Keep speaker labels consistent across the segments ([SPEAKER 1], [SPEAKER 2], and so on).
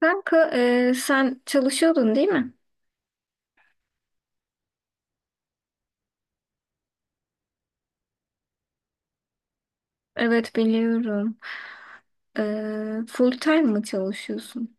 [SPEAKER 1] Kanka, sen çalışıyordun değil mi? Evet, biliyorum. Full time mı çalışıyorsun?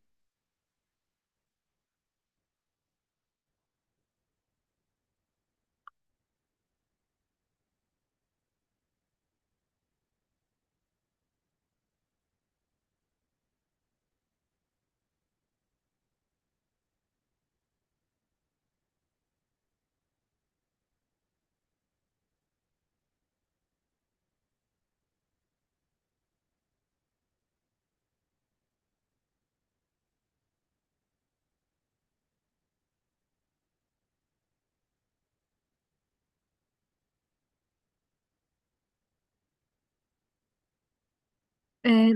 [SPEAKER 1] E,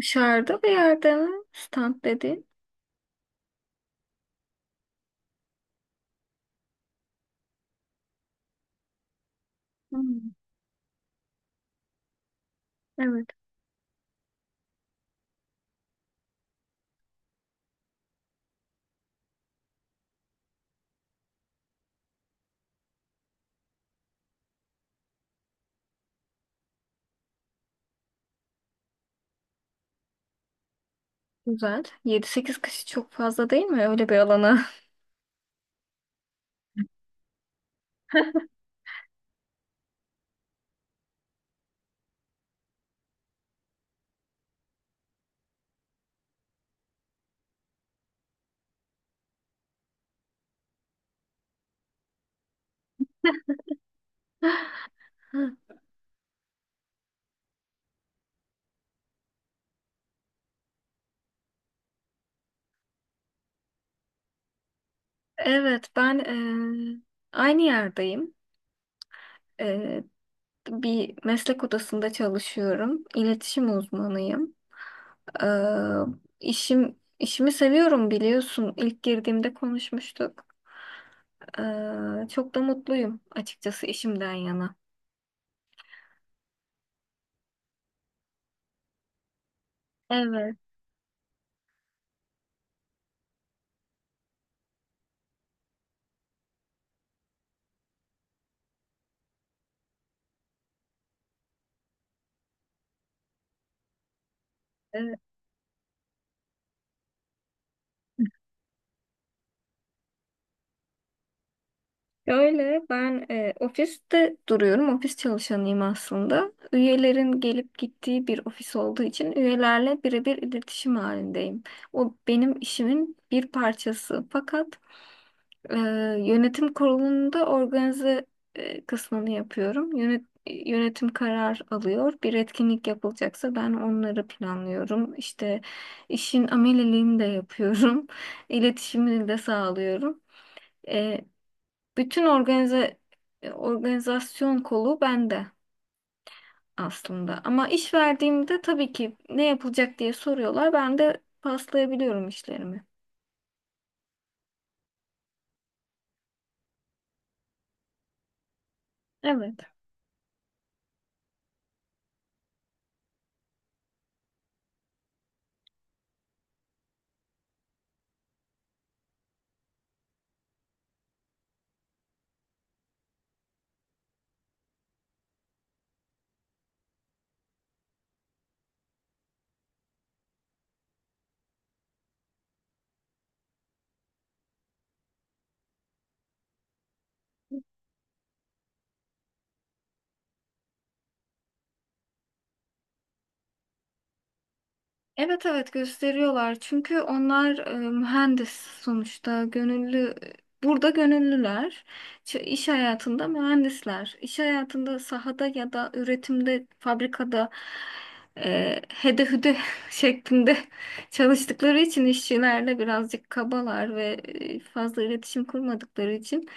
[SPEAKER 1] Dışarıda bir yerde mi? Stand dedi. Hmm, evet, güzel. Yedi sekiz kişi çok fazla değil mi öyle bir alana? Evet, ben aynı yerdeyim. E, Bir meslek odasında çalışıyorum. İletişim uzmanıyım. Ee, işimi seviyorum, biliyorsun. İlk girdiğimde konuşmuştuk. Çok da mutluyum açıkçası işimden yana. Evet, evet. Öyle, ben ofiste duruyorum. Ofis çalışanıyım aslında. Üyelerin gelip gittiği bir ofis olduğu için üyelerle birebir iletişim halindeyim. O benim işimin bir parçası. Fakat, Ee, yönetim kurulunda organize kısmını yapıyorum. Yönetim karar alıyor. Bir etkinlik yapılacaksa ben onları planlıyorum. İşte, işin ameliliğini de yapıyorum. İletişimini de sağlıyorum. Ee, Bütün organizasyon kolu bende aslında. Ama iş verdiğimde tabii ki ne yapılacak diye soruyorlar. Ben de paslayabiliyorum işlerimi. Evet. Evet, evet, gösteriyorlar. Çünkü onlar mühendis sonuçta, gönüllü, burada gönüllüler. İş hayatında mühendisler. İş hayatında sahada ya da üretimde, fabrikada, hede hüde şeklinde çalıştıkları için işçilerle birazcık kabalar ve fazla iletişim kurmadıkları için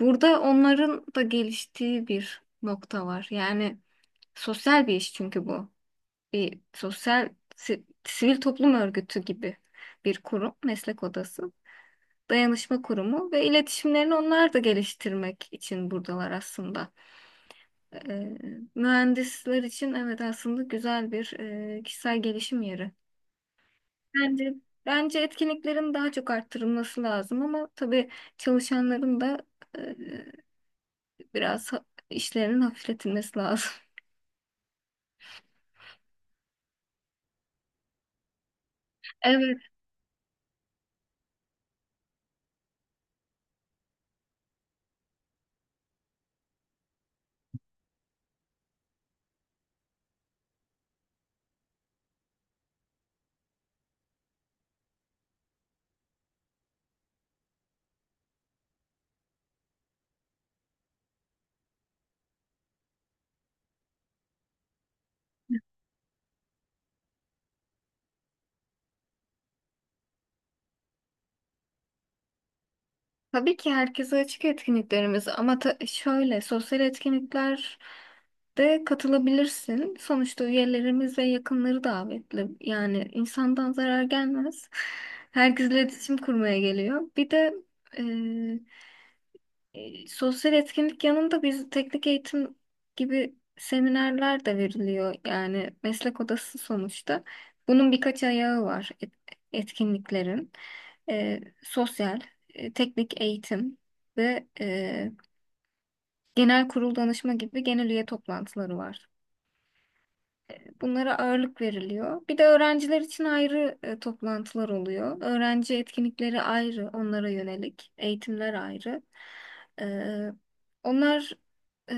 [SPEAKER 1] burada onların da geliştiği bir nokta var. Yani sosyal bir iş, çünkü bu bir sosyal, sivil toplum örgütü gibi bir kurum, meslek odası, dayanışma kurumu ve iletişimlerini onlar da geliştirmek için buradalar aslında. Ee, Mühendisler için evet, aslında güzel bir kişisel gelişim yeri. Bence bence etkinliklerin daha çok arttırılması lazım, ama tabii çalışanların da e, biraz işlerinin hafifletilmesi lazım. Evet. Tabii ki herkese açık etkinliklerimiz, ama şöyle sosyal etkinlikler de katılabilirsin. Sonuçta üyelerimiz ve yakınları davetli. Yani insandan zarar gelmez. Herkesle iletişim kurmaya geliyor. Bir de sosyal etkinlik yanında biz teknik eğitim gibi seminerler de veriliyor. Yani meslek odası sonuçta. Bunun birkaç ayağı var, etkinliklerin. Sosyal, teknik eğitim ve genel kurul danışma gibi genel üye toplantıları var. Bunlara ağırlık veriliyor. Bir de öğrenciler için ayrı toplantılar oluyor. Öğrenci etkinlikleri ayrı, onlara yönelik. Eğitimler ayrı. Ee, Onlar e,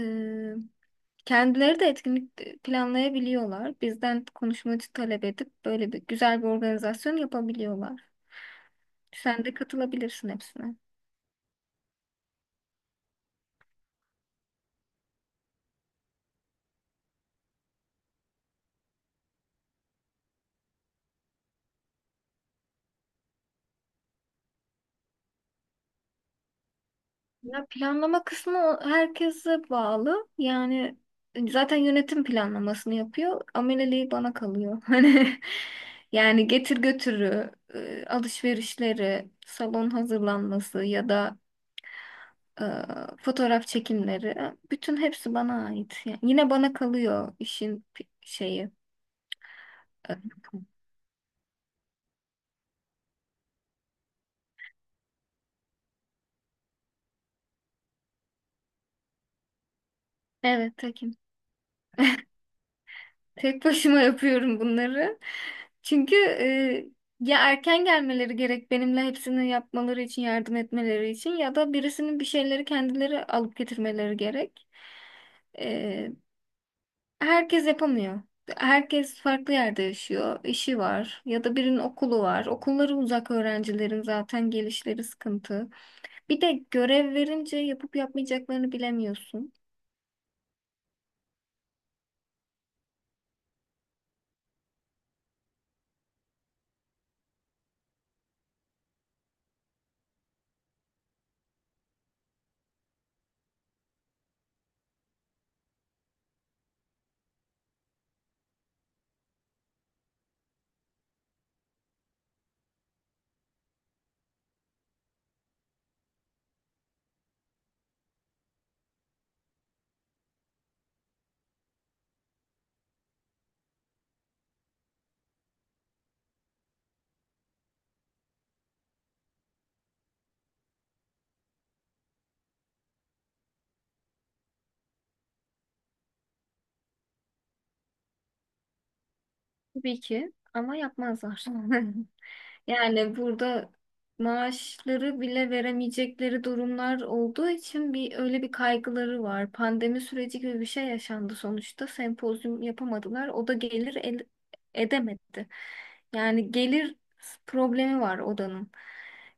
[SPEAKER 1] kendileri de etkinlik planlayabiliyorlar. Bizden konuşmacı talep edip böyle bir güzel bir organizasyon yapabiliyorlar. Sen de katılabilirsin hepsine. Ya planlama kısmı herkese bağlı. Yani zaten yönetim planlamasını yapıyor. Ameleliği bana kalıyor. Hani, yani getir götürü, alışverişleri, salon hazırlanması ya da e, fotoğraf çekimleri, bütün hepsi bana ait. Yani yine bana kalıyor işin şeyi. e, Evet, tekim. Tek başıma yapıyorum bunları. Çünkü ya erken gelmeleri gerek benimle hepsini yapmaları için yardım etmeleri için ya da birisinin bir şeyleri kendileri alıp getirmeleri gerek. E, Herkes yapamıyor. Herkes farklı yerde yaşıyor, işi var ya da birinin okulu var. Okulları uzak öğrencilerin zaten gelişleri sıkıntı. Bir de görev verince yapıp yapmayacaklarını bilemiyorsun. Tabii ki ama yapmazlar. Yani burada maaşları bile veremeyecekleri durumlar olduğu için bir öyle bir kaygıları var. Pandemi süreci gibi bir şey yaşandı sonuçta. Sempozyum yapamadılar. O da gelir edemedi. Yani gelir problemi var odanın.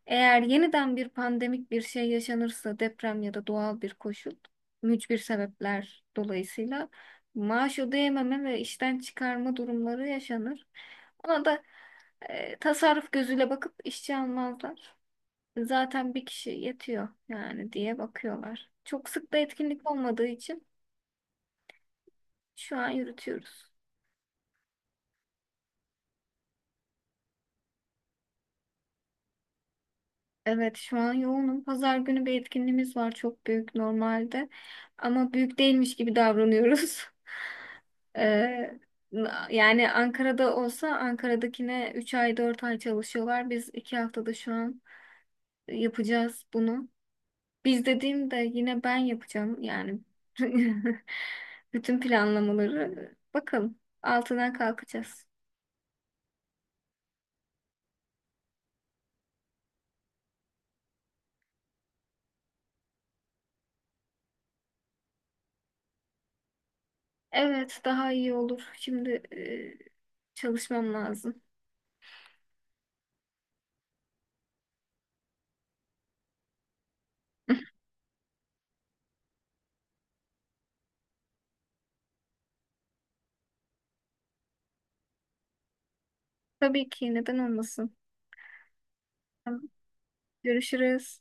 [SPEAKER 1] Eğer yeniden bir pandemik bir şey yaşanırsa, deprem ya da doğal bir koşul, mücbir sebepler dolayısıyla maaş ödeyememe ve işten çıkarma durumları yaşanır. Ona da tasarruf gözüyle bakıp işçi almazlar. Zaten bir kişi yetiyor yani diye bakıyorlar. Çok sık da etkinlik olmadığı için şu an yürütüyoruz. Evet, şu an yoğunum. Pazar günü bir etkinliğimiz var, çok büyük normalde. Ama büyük değilmiş gibi davranıyoruz. E, Yani Ankara'da olsa Ankara'dakine 3 ay 4 ay çalışıyorlar. Biz 2 haftada şu an yapacağız bunu. Biz dediğimde yine ben yapacağım yani. Bütün planlamaları bakalım. Altından kalkacağız. Evet, daha iyi olur. Şimdi çalışmam lazım. Tabii ki, neden olmasın. Tamam, görüşürüz.